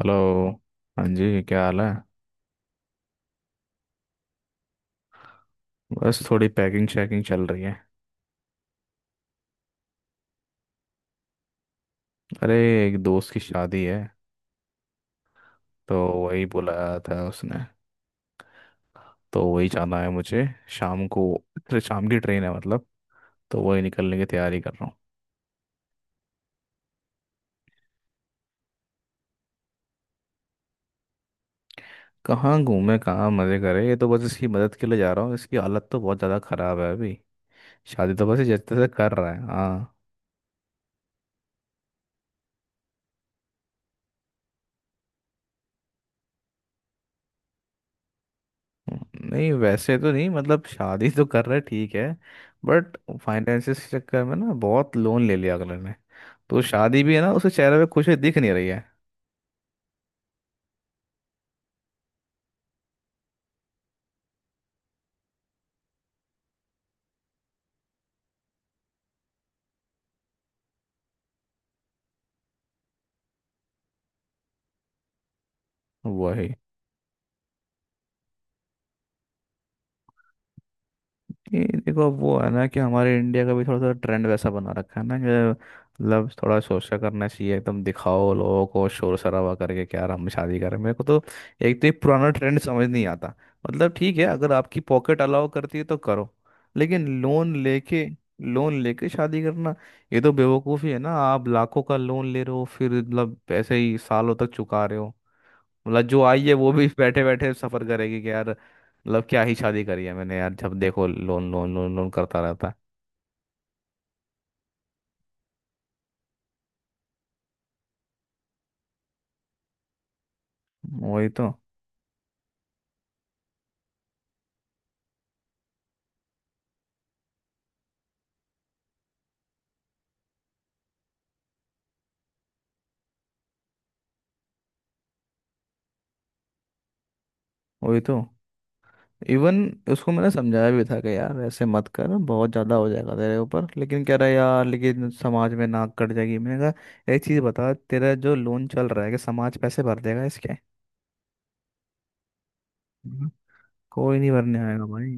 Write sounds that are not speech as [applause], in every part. Hello. हाँ जी, क्या हाल है? बस थोड़ी पैकिंग शैकिंग चल रही है। अरे, एक दोस्त की शादी है, तो वही बुलाया था उसने, तो वही जाना है मुझे शाम को। फिर शाम की ट्रेन है मतलब, तो वही निकलने की तैयारी कर रहा हूँ। कहाँ घूमे, कहाँ मज़े करे, ये तो बस इसकी मदद के लिए जा रहा हूँ। इसकी हालत तो बहुत ज़्यादा ख़राब है अभी। शादी तो बस ये जैसे तैसे कर रहा है, हाँ। नहीं, वैसे तो नहीं, मतलब शादी तो कर रहे, ठीक है, बट फाइनेंसिस के चक्कर में ना बहुत लोन ले लिया अगले ने। तो शादी भी है ना, उसके चेहरे पे खुशी दिख नहीं रही है। वही। ये देखो, वो है ना कि हमारे इंडिया का भी थोड़ा सा ट्रेंड वैसा बना रखा है ना कि लव थोड़ा सोचा करना चाहिए, एकदम दिखाओ लोगों को, शोर शराबा करके क्या हम शादी करें। मेरे को तो एक तो ये पुराना ट्रेंड समझ नहीं आता। मतलब ठीक है, अगर आपकी पॉकेट अलाउ करती है तो करो, लेकिन लोन लेके, लोन लेके शादी करना, ये तो बेवकूफ़ी है ना। आप लाखों का लोन ले रहे हो, फिर मतलब ऐसे ही सालों तक चुका रहे हो। मतलब जो आई है वो भी [laughs] बैठे बैठे सफर करेगी कि यार मतलब क्या ही शादी करी है मैंने, यार जब देखो लोन लोन लोन लोन करता रहता है। वही तो। वही तो। इवन उसको मैंने समझाया भी था कि यार ऐसे मत कर, बहुत ज़्यादा हो जाएगा तेरे ऊपर। लेकिन कह रहा है, यार लेकिन समाज में नाक कट जाएगी। मैंने कहा, एक चीज़ बता, तेरा जो लोन चल रहा है कि समाज पैसे भर देगा इसके? हम्म। कोई नहीं भरने आएगा भाई।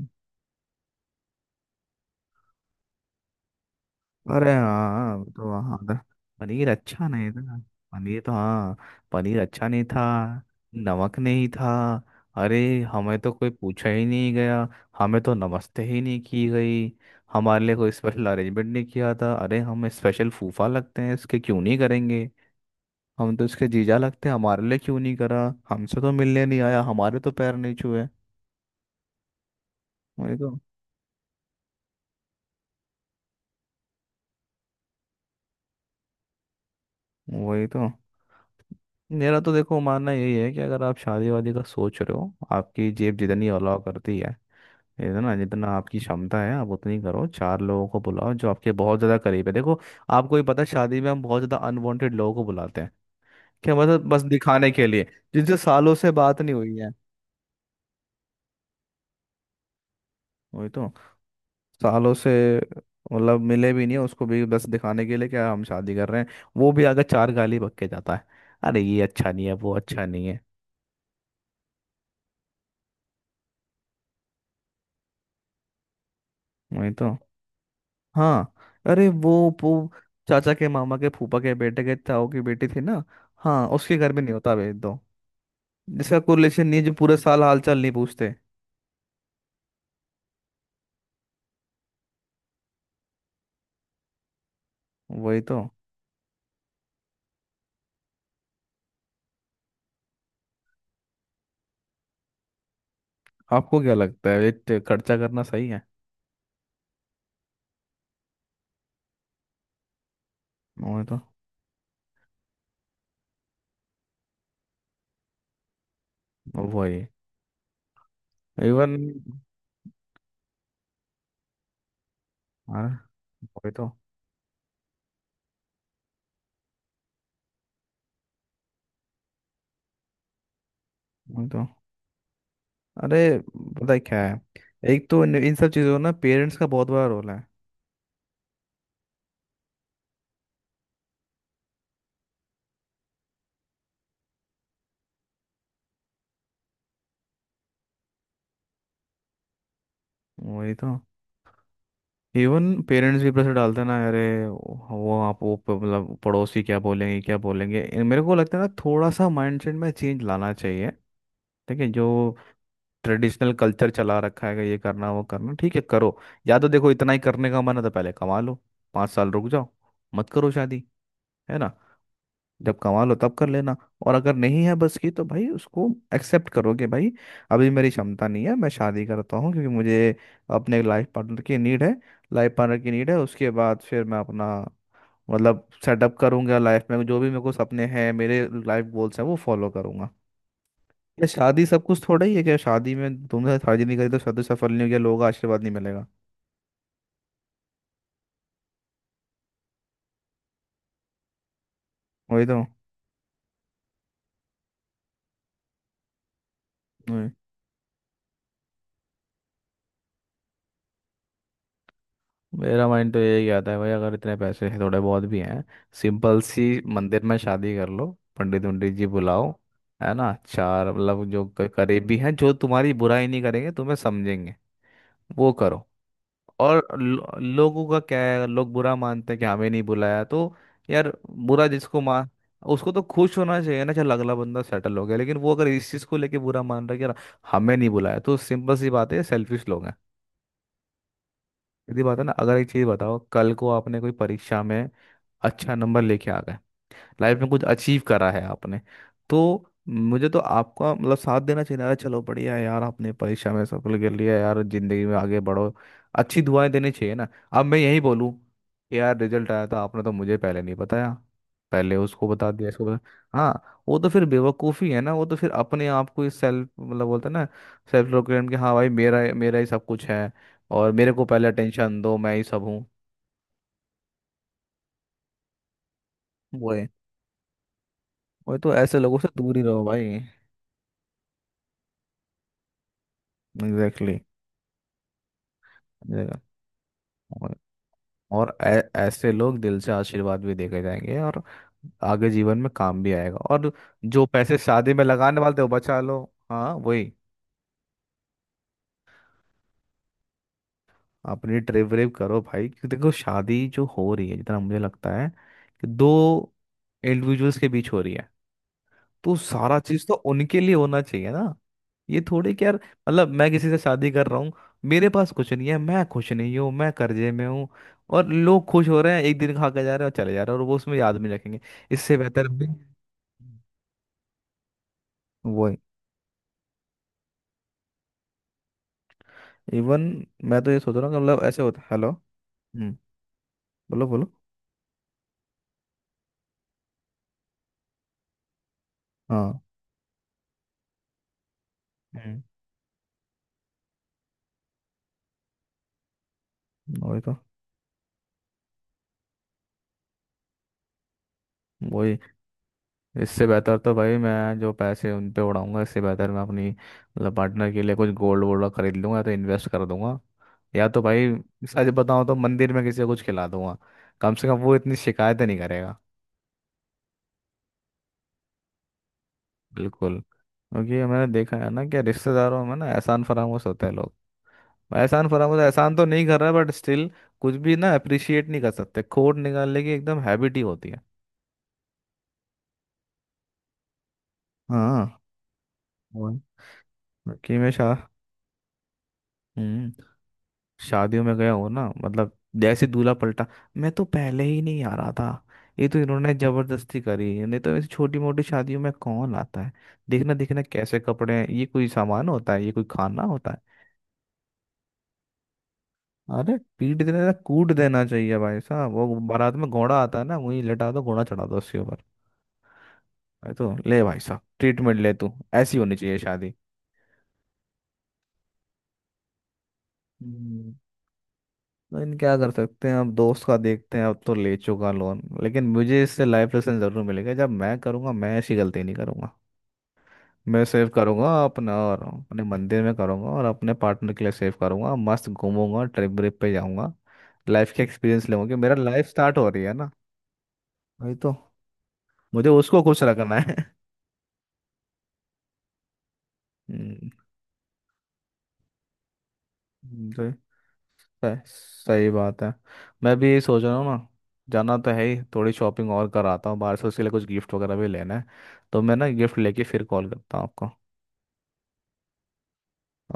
अरे हाँ, वो तो हाँ था। पनीर अच्छा नहीं था। पनीर तो हाँ, पनीर अच्छा नहीं था। नमक नहीं था। अरे हमें तो कोई पूछा ही नहीं गया। हमें तो नमस्ते ही नहीं की गई। हमारे लिए कोई स्पेशल अरेंजमेंट नहीं किया था। अरे हम स्पेशल फूफा लगते हैं इसके, क्यों नहीं करेंगे? हम तो इसके जीजा लगते हैं, हमारे लिए क्यों नहीं करा? हमसे तो मिलने नहीं आया, हमारे तो पैर नहीं छुए। वही तो। वही तो। मेरा तो देखो मानना यही है कि अगर आप शादी वादी का सोच रहे हो, आपकी जेब जितनी अलाउ करती है ना, जितना आपकी क्षमता है, आप उतनी करो। चार लोगों को बुलाओ जो आपके बहुत ज़्यादा करीब है, देखो। आपको ही पता है, शादी में हम बहुत ज़्यादा अनवांटेड लोगों को बुलाते हैं। क्या मतलब, बस दिखाने के लिए, जिनसे सालों से बात नहीं हुई है। वही तो। सालों से मतलब मिले भी नहीं है, उसको भी बस दिखाने के लिए क्या हम शादी कर रहे हैं? वो भी अगर चार गाली बक के जाता है, अरे ये अच्छा नहीं है, वो अच्छा नहीं है। वही तो। हाँ, अरे वो चाचा के मामा के फूफा के बेटे के ताऊ की बेटी थी ना, हाँ उसके घर में नहीं होता, भेज दो। जिसका कोरिलेशन नहीं है, जो पूरे साल हालचाल नहीं पूछते। वही तो। आपको क्या लगता है ये खर्चा करना सही है? वही तो। वही। इवन अरे वही तो। वही तो। अरे पता है क्या है, एक तो इन इन सब चीज़ों में ना पेरेंट्स का बहुत बड़ा रोल है। वही तो। इवन पेरेंट्स भी प्रेशर डालते हैं ना। अरे वो आप वो प- मतलब पड़ोसी क्या बोलेंगे, क्या बोलेंगे, मेरे को लगता है ना थोड़ा सा माइंडसेट में चेंज लाना चाहिए। ठीक है, जो ट्रेडिशनल कल्चर चला रखा है कि ये करना, वो करना, ठीक है करो। या तो देखो इतना ही करने का मन है तो पहले कमा लो, पाँच साल रुक जाओ, मत करो शादी, है ना। जब कमा लो तब कर लेना। और अगर नहीं है बस की तो भाई उसको एक्सेप्ट करो कि भाई अभी मेरी क्षमता नहीं है। मैं शादी करता हूँ क्योंकि मुझे अपने लाइफ पार्टनर की नीड है। लाइफ पार्टनर की नीड है, उसके बाद फिर मैं अपना मतलब सेटअप करूंगा लाइफ में। जो भी मेरे को सपने हैं, मेरे लाइफ गोल्स हैं, वो फॉलो करूंगा। क्या शादी सब कुछ थोड़ा ही है? क्या शादी में, तुमने शादी नहीं करी तो शादी सफल नहीं होगी, लोगों का आशीर्वाद नहीं मिलेगा? वही तो। मेरा माइंड तो यही आता है भाई, अगर इतने पैसे हैं, थोड़े बहुत भी हैं, सिंपल सी मंदिर में शादी कर लो। पंडित पंडित जी बुलाओ, है ना। चार मतलब जो करीबी हैं, जो तुम्हारी बुराई नहीं करेंगे, तुम्हें समझेंगे, वो करो। और लो, लोगों का क्या है, लोग बुरा मानते हैं कि हमें नहीं बुलाया तो। यार, बुरा जिसको मान, उसको तो खुश होना चाहिए ना, चल अगला बंदा सेटल हो गया। लेकिन वो अगर इस चीज़ को लेके बुरा मान रहा है कि यार हमें नहीं बुलाया, तो सिंपल सी बात है, सेल्फिश लोग हैं। सीधी बात है ना, अगर एक चीज़ बताओ, कल को आपने कोई परीक्षा में अच्छा नंबर लेके आ गए, लाइफ में कुछ अचीव करा है आपने, तो मुझे तो आपका मतलब साथ देना चाहिए ना। अरे चलो बढ़िया है यार, आपने परीक्षा में सफल कर लिया, यार जिंदगी में आगे बढ़ो, अच्छी दुआएं देनी चाहिए ना। अब मैं यही बोलूं कि यार रिजल्ट आया था, आपने तो मुझे पहले नहीं बताया, पहले उसको बता दिया, इसको बता। हाँ, वो तो फिर बेवकूफ़ी है ना। वो तो फिर अपने आप को इस सेल्फ मतलब बोलते हैं ना, सेल्फ प्रोक्लेम, कि हाँ भाई मेरा मेरा ही सब कुछ है और मेरे को पहले अटेंशन दो, मैं ही सब हूँ। वो है, वो तो ऐसे लोगों से दूर ही रहो भाई। एग्जैक्टली। और ऐसे लोग दिल से आशीर्वाद भी देके जाएंगे और आगे जीवन में काम भी आएगा और जो पैसे शादी में लगाने वाले थे वो बचा लो। हाँ वही। अपनी ट्रिप व्रिप करो भाई, क्योंकि देखो शादी जो हो रही है, जितना मुझे लगता है कि दो इंडिविजुअल्स के बीच हो रही है, तो सारा चीज तो उनके लिए होना चाहिए ना। ये थोड़े कि यार मतलब मैं किसी से शादी कर रहा हूँ, मेरे पास कुछ नहीं है, मैं खुश नहीं हूँ, मैं कर्जे में हूँ, और लोग खुश हो रहे हैं, एक दिन खा के जा रहे हैं और चले जा रहे हैं, और वो उसमें याद नहीं रखेंगे। इससे बेहतर भी वो इवन मैं तो ये सोच रहा हूँ कि मतलब ऐसे होता। हेलो? हम्म। बोलो बोलो। हाँ। हम्म। वही तो। वही। इससे बेहतर तो भाई मैं जो पैसे उन पे उड़ाऊंगा, इससे बेहतर मैं अपनी मतलब पार्टनर के लिए कुछ गोल्ड वोल्ड खरीद लूंगा, तो इन्वेस्ट कर दूंगा, या तो भाई सच बताऊं तो मंदिर में किसी को कुछ खिला दूंगा, कम से कम वो इतनी शिकायतें नहीं करेगा। बिल्कुल, क्योंकि मैंने देखा है ना कि रिश्तेदारों में ना एहसान फरामोश होते हैं लोग। एहसान फरामोश, एहसान तो नहीं कर रहा, बट स्टिल कुछ भी ना अप्रिशिएट नहीं कर सकते, खोट निकालने की एकदम हैबिट ही होती है। हाँ वही। हकीम शाह। हम्म। शादियों में गया हो ना, मतलब जैसे दूल्हा पलटा, मैं तो पहले ही नहीं आ रहा था, ये तो इन्होंने जबरदस्ती करी, नहीं तो ऐसी छोटी मोटी शादियों में कौन आता है। देखना देखना कैसे कपड़े हैं, ये कोई सामान होता है, ये कोई खाना होता है। अरे पीट देना था, कूट देना चाहिए भाई साहब, वो बारात में घोड़ा आता है ना, वहीं लटा दो, घोड़ा चढ़ा दो उसके ऊपर। भाई तो ले भाई साहब ट्रीटमेंट ले तू। ऐसी होनी चाहिए शादी। लेकिन क्या कर सकते हैं, अब दोस्त का देखते हैं, अब तो ले चुका लोन, लेकिन मुझे इससे लाइफ लेसन जरूर मिलेगा। जब मैं करूँगा, मैं ऐसी गलती नहीं करूँगा। मैं सेव करूँगा अपना, और अपने मंदिर में करूँगा, और अपने पार्टनर के लिए सेव करूँगा, मस्त घूमूंगा, ट्रिप व्रिप पे जाऊँगा, लाइफ के एक्सपीरियंस लूंगा, कि मेरा लाइफ स्टार्ट हो रही है ना। वही तो, मुझे उसको खुश रखना है। [laughs] हम्म। तो सही सही बात है, मैं भी यही सोच रहा हूँ ना, जाना तो है ही, थोड़ी शॉपिंग और कराता हूँ बाहर से, उसके लिए कुछ गिफ्ट वगैरह भी लेना है, तो मैं ना गिफ्ट लेके फिर कॉल करता हूँ आपको।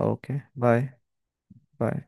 ओके। बाय। बाय।